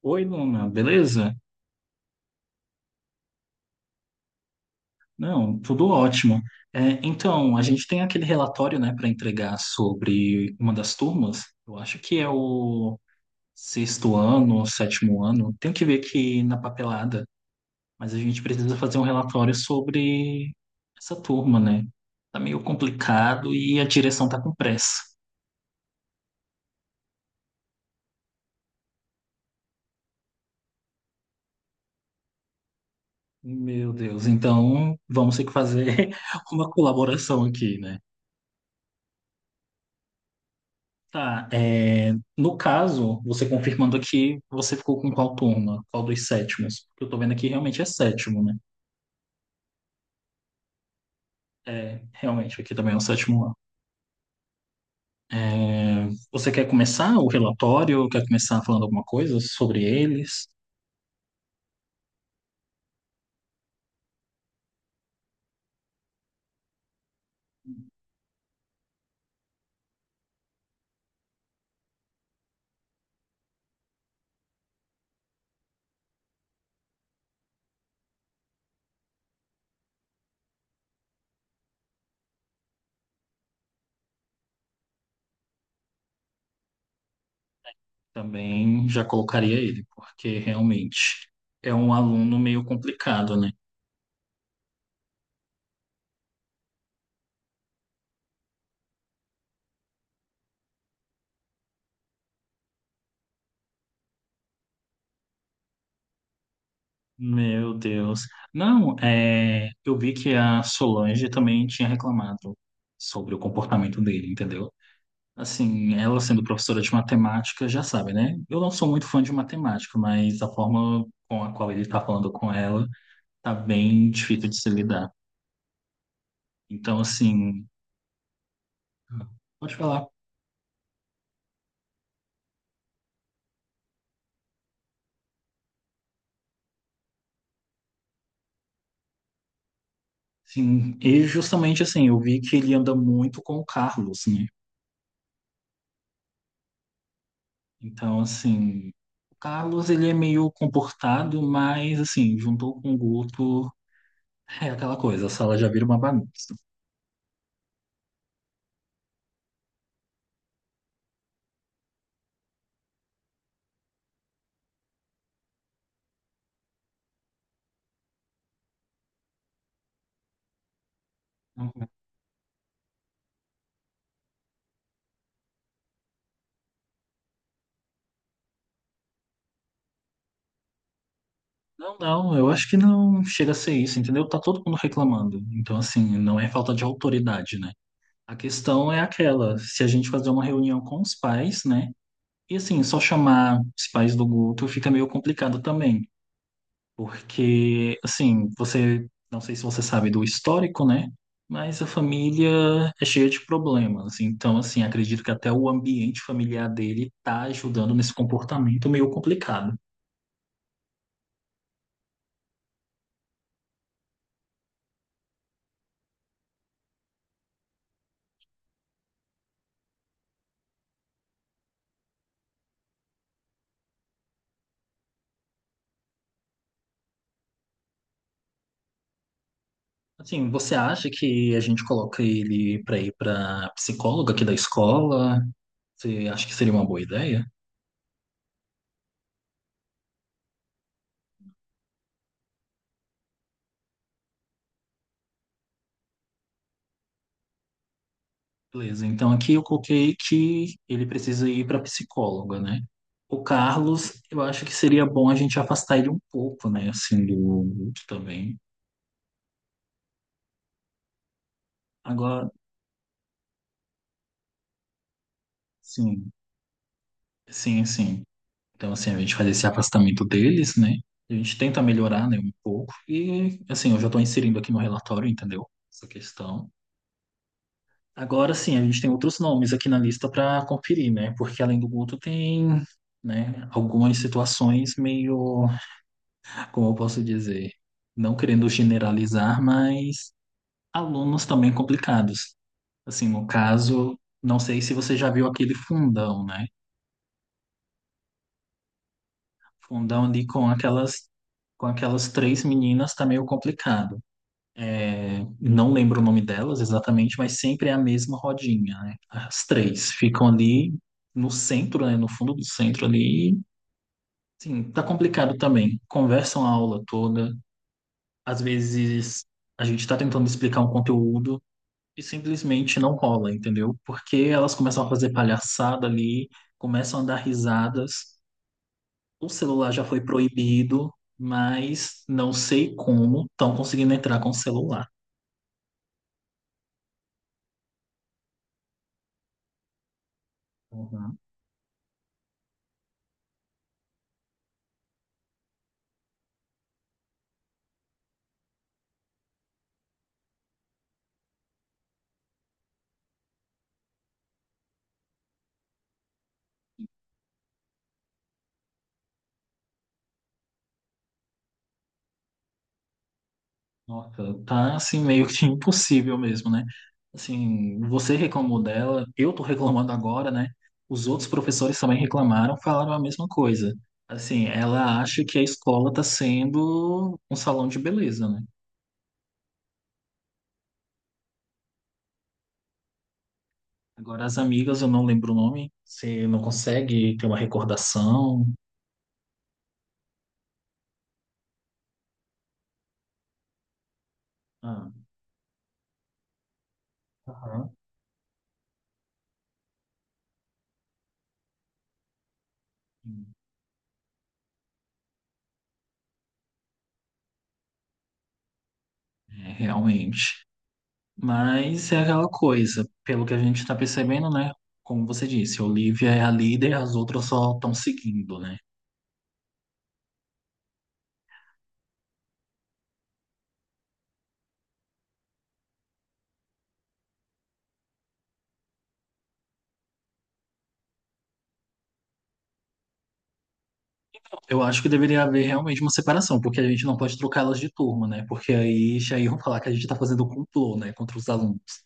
Oi, Luna, beleza? Não, tudo ótimo. Então, a gente tem aquele relatório, né, para entregar sobre uma das turmas. Eu acho que é o sexto ano, sétimo ano. Tenho que ver aqui na papelada, mas a gente precisa fazer um relatório sobre essa turma, né? Tá meio complicado e a direção tá com pressa. Meu Deus, então vamos ter que fazer uma colaboração aqui, né? Tá. No caso, você confirmando aqui, você ficou com qual turma? Qual dos sétimos? Porque eu tô vendo aqui realmente é sétimo, né? É, realmente, aqui também é o sétimo ano. É, você quer começar o relatório? Quer começar falando alguma coisa sobre eles? Também já colocaria ele, porque realmente é um aluno meio complicado, né? Meu Deus. Não, é, eu vi que a Solange também tinha reclamado sobre o comportamento dele, entendeu? Assim, ela sendo professora de matemática, já sabe, né? Eu não sou muito fã de matemática, mas a forma com a qual ele tá falando com ela tá bem difícil de se lidar. Então, assim, pode falar. Sim, e justamente assim, eu vi que ele anda muito com o Carlos, né? Então, assim, o Carlos ele é meio comportado, mas assim, juntou com o Guto, é aquela coisa, a sala já vira uma bagunça. Não, não, eu acho que não chega a ser isso, entendeu? Tá todo mundo reclamando. Então, assim, não é falta de autoridade, né? A questão é aquela, se a gente fazer uma reunião com os pais, né? E assim, só chamar os pais do grupo fica meio complicado também, porque assim, você, não sei se você sabe do histórico, né? Mas a família é cheia de problemas. Então, assim, acredito que até o ambiente familiar dele tá ajudando nesse comportamento meio complicado. Assim, você acha que a gente coloca ele para ir para psicóloga aqui da escola? Você acha que seria uma boa ideia? Beleza, então aqui eu coloquei que ele precisa ir para psicóloga, né? O Carlos, eu acho que seria bom a gente afastar ele um pouco, né? Assim, do grupo também. Agora, sim, sim, sim. Então, assim, a gente faz esse afastamento deles, né? A gente tenta melhorar, né, um pouco. E, assim, eu já estou inserindo aqui no relatório, entendeu? Essa questão. Agora sim, a gente tem outros nomes aqui na lista para conferir, né? Porque além do Guto tem, né, algumas situações meio, como eu posso dizer, não querendo generalizar, mas alunos também complicados. Assim, no caso, não sei se você já viu aquele fundão, né? Fundão ali com aquelas três meninas tá meio complicado. É, não lembro o nome delas exatamente, mas sempre é a mesma rodinha, né? As três ficam ali no centro, né? No fundo do centro ali. E, sim, tá complicado também. Conversam a aula toda. Às vezes a gente tá tentando explicar um conteúdo e simplesmente não rola, entendeu? Porque elas começam a fazer palhaçada ali, começam a dar risadas. O celular já foi proibido, mas não sei como estão conseguindo entrar com o celular. Nossa, tá assim meio que impossível mesmo, né? Assim, você reclamou dela, eu tô reclamando agora, né? Os outros professores também reclamaram, falaram a mesma coisa. Assim, ela acha que a escola tá sendo um salão de beleza, né? Agora as amigas, eu não lembro o nome, você não consegue ter uma recordação. Ah, aham. É, realmente. Mas é aquela coisa, pelo que a gente está percebendo, né? Como você disse, a Olivia é a líder, as outras só estão seguindo, né? Eu acho que deveria haver realmente uma separação, porque a gente não pode trocá-las de turma, né? Porque aí já iam falar que a gente tá fazendo complô, né, contra os alunos.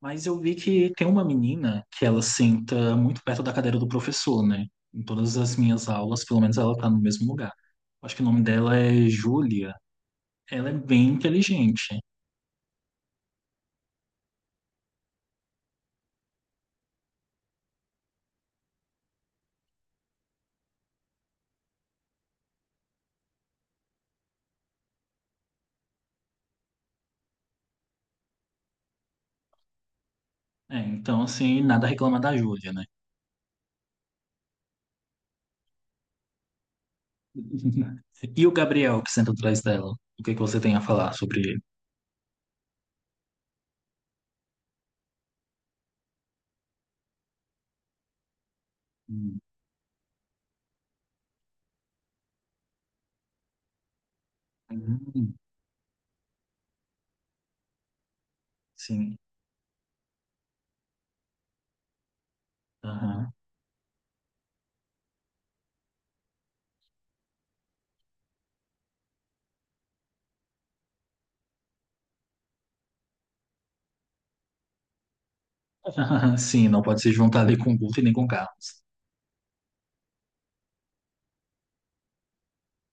Mas eu vi que tem uma menina que ela senta muito perto da cadeira do professor, né? Em todas as minhas aulas, pelo menos ela tá no mesmo lugar. Acho que o nome dela é Júlia. Ela é bem inteligente. É, então, assim, nada a reclamar da Júlia, né? E o Gabriel, que senta atrás dela? O que que você tem a falar sobre ele? Hum, hum, Sim. Sim, não pode se juntar ali com o Guto e nem com o Carlos.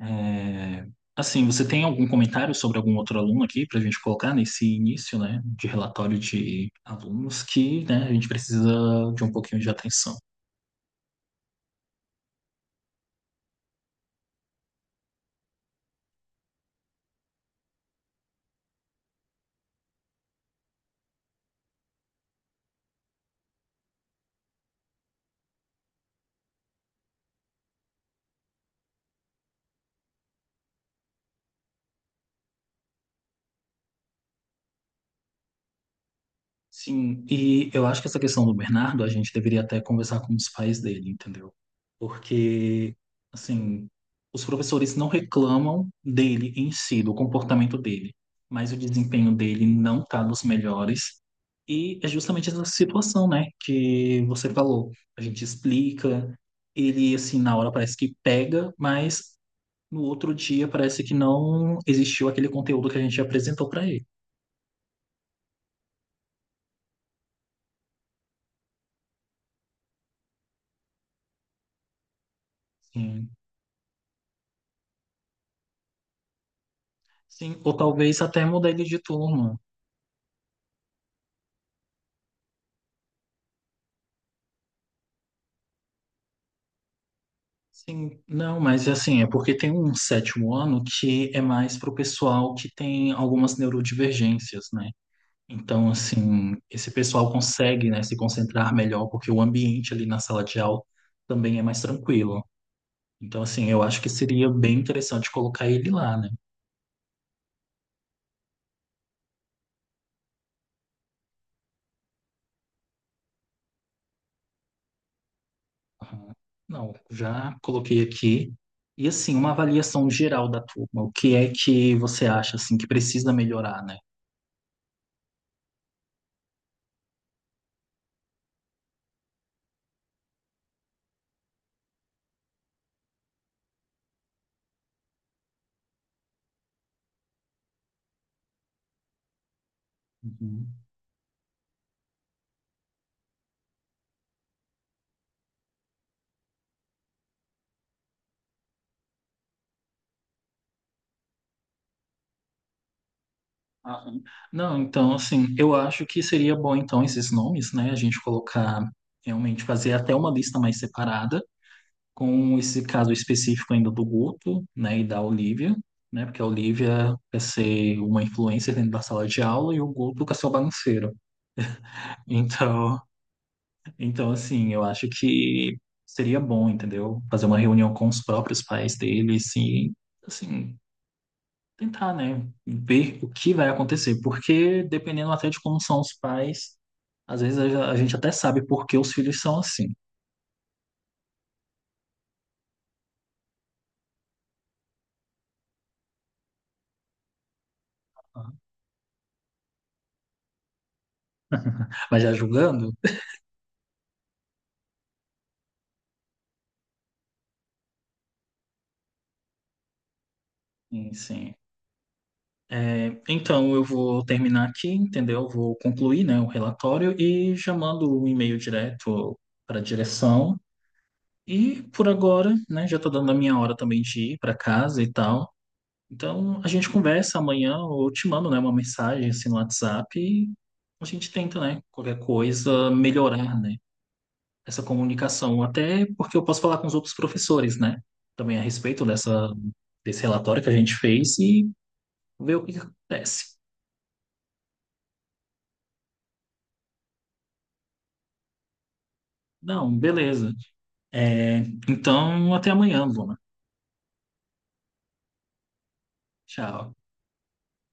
É, assim, você tem algum comentário sobre algum outro aluno aqui para a gente colocar nesse início, né, de relatório de alunos que, né, a gente precisa de um pouquinho de atenção? Sim, e eu acho que essa questão do Bernardo, a gente deveria até conversar com os pais dele, entendeu? Porque, assim, os professores não reclamam dele em si, do comportamento dele, mas o desempenho dele não está dos melhores. E é justamente essa situação, né, que você falou. A gente explica, ele, assim, na hora parece que pega, mas no outro dia parece que não existiu aquele conteúdo que a gente apresentou para ele. Sim. Sim, ou talvez até mudar ele de turma. Sim, não, mas assim, é porque tem um sétimo ano que é mais para o pessoal que tem algumas neurodivergências, né? Então, assim, esse pessoal consegue, né, se concentrar melhor, porque o ambiente ali na sala de aula também é mais tranquilo. Então, assim, eu acho que seria bem interessante colocar ele lá, né? Aham. Não, já coloquei aqui. E, assim, uma avaliação geral da turma. O que é que você acha, assim, que precisa melhorar, né? Uhum. Aham. Não, então, assim, eu acho que seria bom, então, esses nomes, né? A gente colocar, realmente, fazer até uma lista mais separada, com esse caso específico ainda do Guto, né? E da Olivia, né? Porque a Olivia quer ser uma influencer dentro da sala de aula e o Guto quer ser o bagunceiro. Então, então, assim, eu acho que seria bom, entendeu? Fazer uma reunião com os próprios pais deles e, assim, tentar, né, ver o que vai acontecer, porque dependendo até de como são os pais, às vezes a gente até sabe por que os filhos são assim. Mas já julgando? Sim, sim. É, então eu vou terminar aqui, entendeu? Vou concluir, né, o relatório e já mando o e-mail direto para a direção. E por agora, né, já tá dando a minha hora também de ir para casa e tal. Então a gente conversa amanhã, ou eu te mando, né, uma mensagem assim no WhatsApp. A gente tenta, né? Qualquer coisa, melhorar, né? Essa comunicação. Até porque eu posso falar com os outros professores, né? Também a respeito dessa, desse relatório que a gente fez e ver o que que acontece. Não, beleza. É, então, até amanhã, Bruna. Tchau.